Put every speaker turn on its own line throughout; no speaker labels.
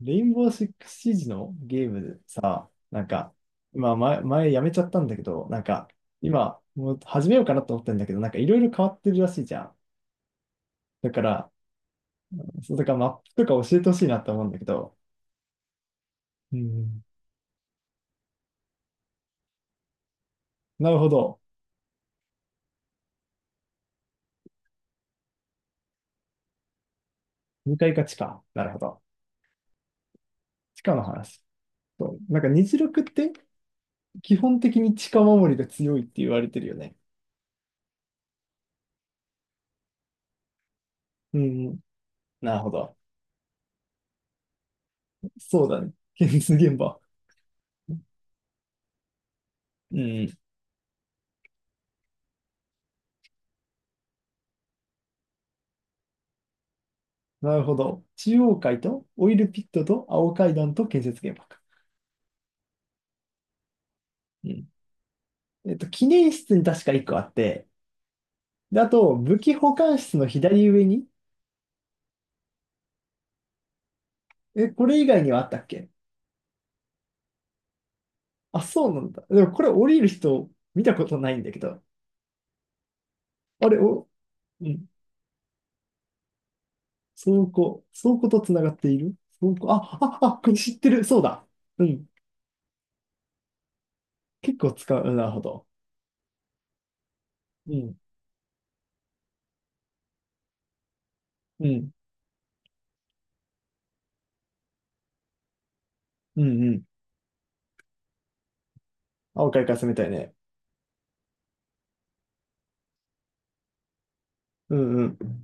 レインボーシックスシージのゲームさ、なんか、今前、ま前やめちゃったんだけど、なんか、今、もう始めようかなと思ってんだけど、なんかいろいろ変わってるらしいじゃん。だから、そうだからマップとか教えてほしいなって思うんだけど。うん。なるほど。向かいか地下。なるほど。地下の話。そう。なんか虹六って基本的に地下守りが強いって言われてるよね。うん。なるほど。そうだね。建設現場。うん。なるほど。中央階とオイルピットと青階段と建設現場か。うん。えっと、記念室に確か1個あって、で、あと、武器保管室の左上に、え、これ以外にはあったっけ。あ、そうなんだ。でもこれ降りる人見たことないんだけど。あれ、お、うん。倉庫、と繋がっている倉庫、あ、これ知ってる。そうだ。うん。結構使う。うんなるほど。うん。うん。うんうん。青階から攻めたいね。うんうん。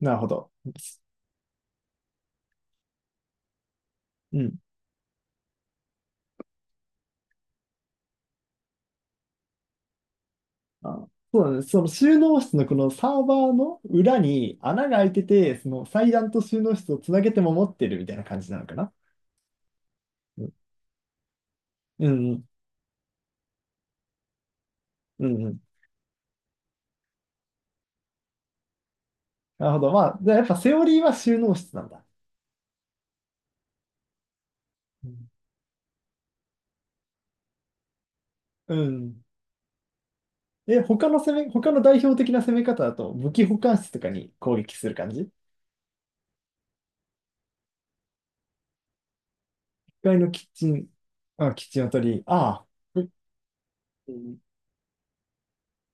なるほど。うん。あ、そうなんです。その収納室のこのサーバーの裏に穴が開いてて、その祭壇と収納室をつなげて守ってるみたいな感じなのかな。うんうんうん。うんうん。なるほど。まあ、じゃあやっぱセオリーは収納室なんだ。うん。うん。え、他の代表的な攻め方だと武器保管室とかに攻撃する感じ？ 1 階のキッチン、あ、キッチンを取り、ああ、うんうん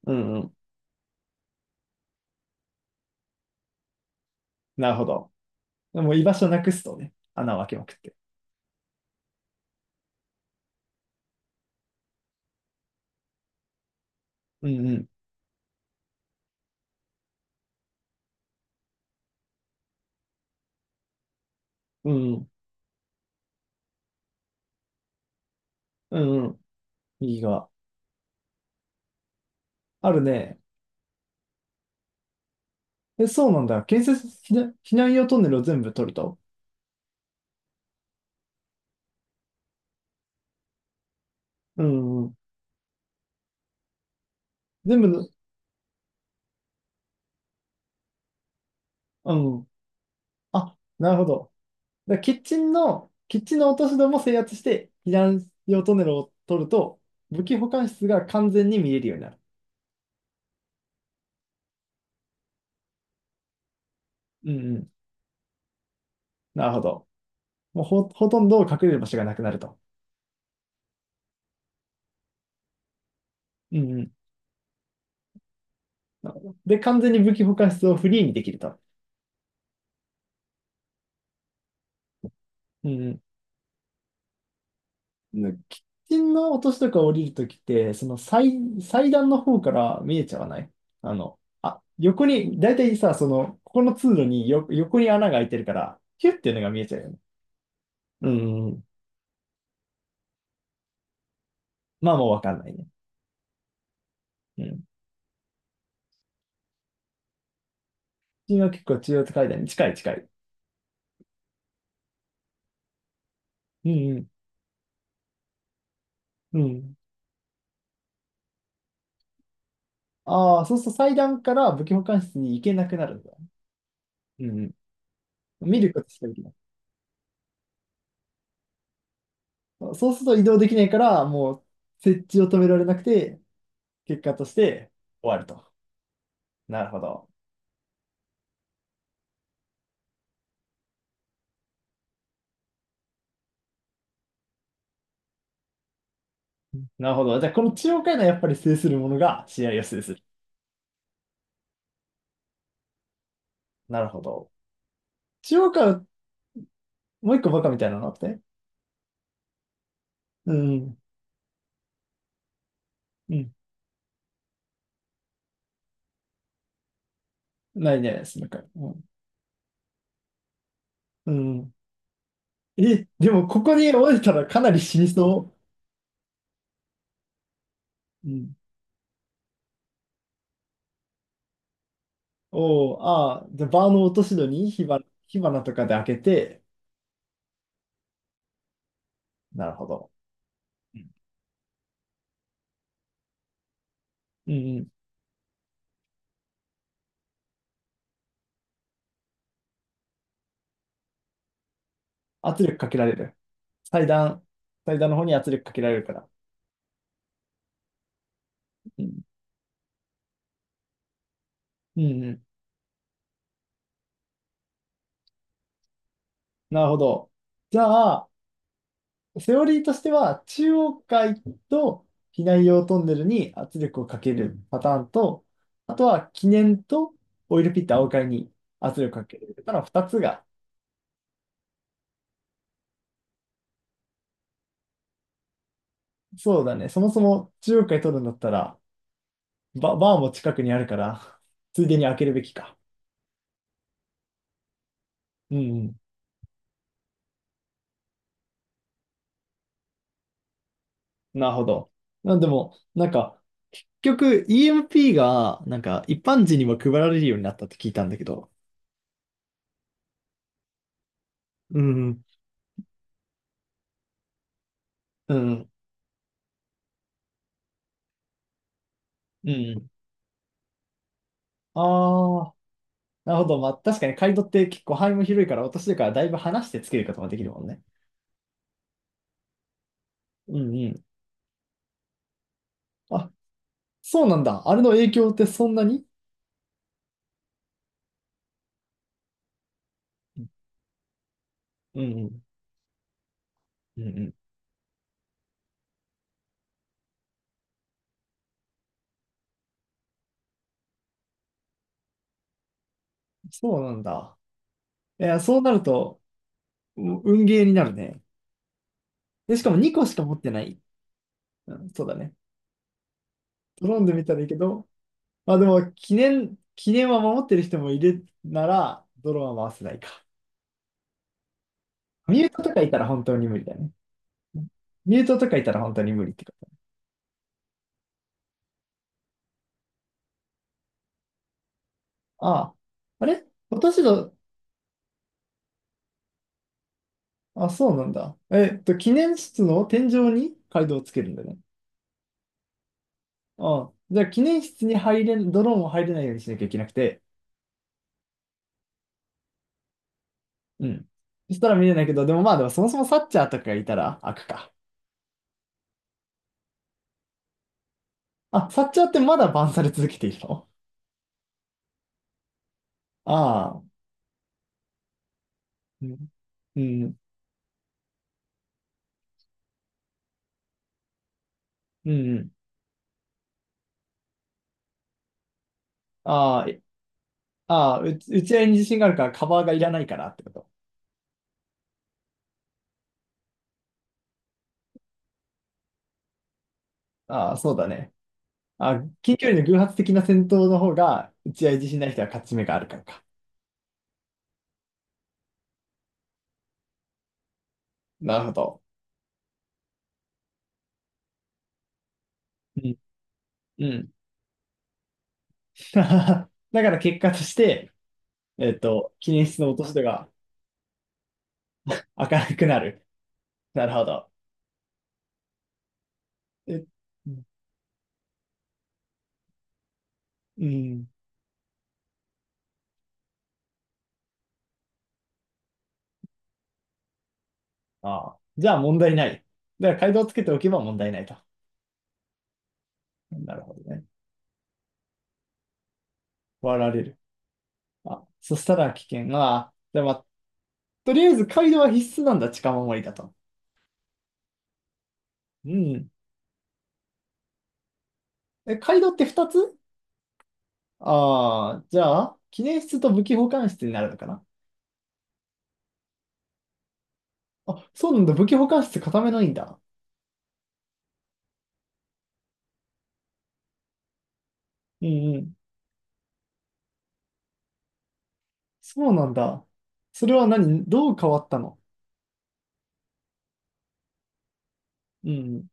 うん。なるほど。でもう居場所なくすとね、穴を開けまくって。うんうん。うんうん。うんうん。右側。あるね。え、そうなんだ。建設避難、避難用トンネルを全部取ると。うんうん。全部の、うん。あ、なるほど。だからキッチンの落とし戸も制圧して、避難用トンネルを取ると、武器保管室が完全に見えるようになる。うんうん。なるほど。もうほ、ほとんど隠れる場所がなくなると。うんうん。なるほど。で、完全に武器保管室をフリーにできると。うんうん。ッ喫煙の落としとか降りるときって、その祭最段の方から見えちゃわない。あの、あ、横に、だいたいさ、その、ここの通路によ、横に穴が開いてるから、ヒュッていうのが見えちゃうよね。うん、うん。まあもうわかんないね。うん。君は結構中央階段に近い。うん、うん。うん。ああ、そうすると祭壇から武器保管室に行けなくなるんだ。うんうん。見ることしかできない。そうすると移動できないから、もう設置を止められなくて、結果として終わると。なるほど。なるほど。じゃあ、この中央会のやっぱり制するものが試合を制する。なるほど。中央階、もう一個バカみたいなのあって。うん。うん。ないね、そのか。うん。うん。え、でもここに折れたらかなり死にそう。うん。おお、ああ、じゃあバーの落とし戸に火花とかで開けて、なるほど。うんうんうん。圧力かけられる。祭壇、祭壇の方に圧力かけられるから。うん。うんうん。なるほど。じゃあ、セオリーとしては、中央階と避難用トンネルに圧力をかけるパターンと、あとは記念とオイルピット青階に圧力をかける。ただ2つが、そうだね、そもそも中央階取るんだったら、バーも近くにあるから、ついでに開けるべきか。うんうん、なるほど。なんでも、なんか、結局 EMP が、なんか一般人にも配られるようになったって聞いたんだけど。うんうん、うんうん。ああ、なるほど。まあ、確かにカイドって結構範囲も広いから、私とからだいぶ離してつけることができるもんね。うんうん。あ、そうなんだ。あれの影響ってそんなに。うんうん。うんうん。そうなんだ。いや、そうなると、うん運ゲーになるね。で、しかも2個しか持ってない。うん、そうだね。ドローンで見たらいいけど、まあでも、記念は守ってる人もいるなら、ドローンは回せないか。ミュートとかいたら本当に無理だね。ミュートとかいたら本当に無理ってこと。ああ。あれ私の。あ、そうなんだ。えっと、記念室の天井にガイドをつけるんだね。ああ。じゃあ、記念室に入れん、ドローンを入れないようにしなきゃいけなくて。うん。そしたら見れないけど、でもまあ、でもそもそもサッチャーとかがいたら開くか。あ、サッチャーってまだバンされ続けているの。ああ。うん。うん。うん。ああ、え。ああ、う打ち合いに自信があるからカバーがいらないからってこと。ああ、そうだね。あ、近距離の偶発的な戦闘の方が、打ち合い自信ない人は勝ち目があるからか。なるほど。うん。うん。 だから結果として、えっと、記念室の落とし戸が開かなくなる。なるほど。え、うん。ああ。じゃあ問題ない。だから、階段をつけておけば問題ないと。なるほどね。割られる。あ、そしたら危険が、じゃあまあ、とりあえず街道は必須なんだ、近守りだと。うん。え、街道って2つ。ああー、じゃあ、記念室と武器保管室になるのかな。あ、そうなんだ、武器保管室固めないんだ。うんうん。そうなんだ。それは何どう変わったの。うん、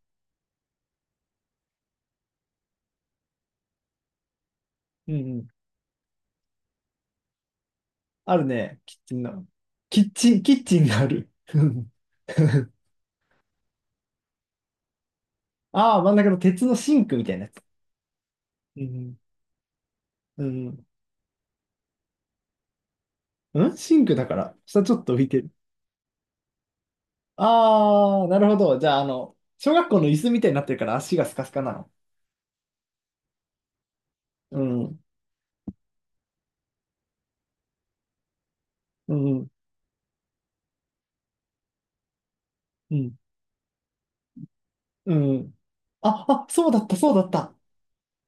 うん、うん。あるね。キッチンの。キッチンがある。うん。 ああ、真ん中の鉄のシンクみたいなやつ。うん、うん、うん。んシンクだから、下ちょっと浮いてる。ああ、なるほど。じゃあ、あの、小学校の椅子みたいになってるから足がスカスカなの。うん、うん、うん、うん。あ、そうだった、そうだった。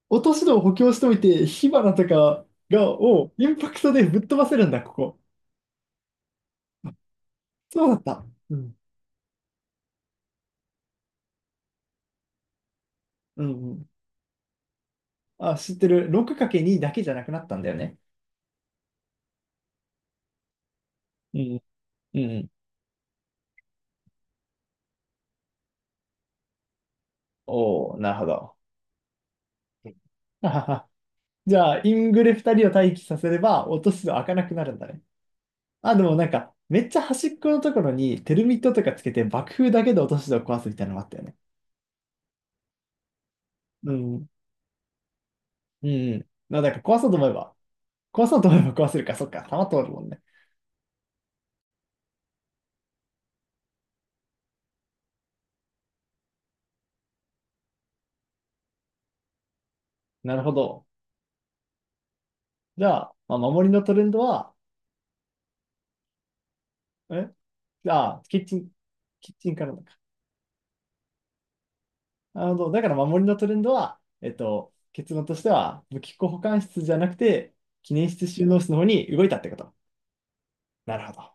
落とし戸を補強しておいて、火花とかが、をインパクトでぶっ飛ばせるんだ、ここ。そうだった。うん。うんうん。あ、知ってる。6×2 だけじゃなくなったんだよね。うん、うんうん。おお、なるほど。ははは。 じゃあ、イングレ2人を待機させれば、落とし戸開かなくなるんだね。あ、でもなんか、めっちゃ端っこのところにテルミットとかつけて爆風だけで落とし戸を壊すみたいなのもあったよね。うん。うんうん。まあ、だから壊そうと思えば、壊そうと思えば壊せるか、そっか、弾通るもんね。なるほど。じゃあ、まあ、守りのトレンドは、え。じゃあ、キッチンからだ。なるほど。だから守りのトレンドは、えっと、結論としては、武器庫保管室じゃなくて、記念室収納室の方に動いたってこと。なるほど。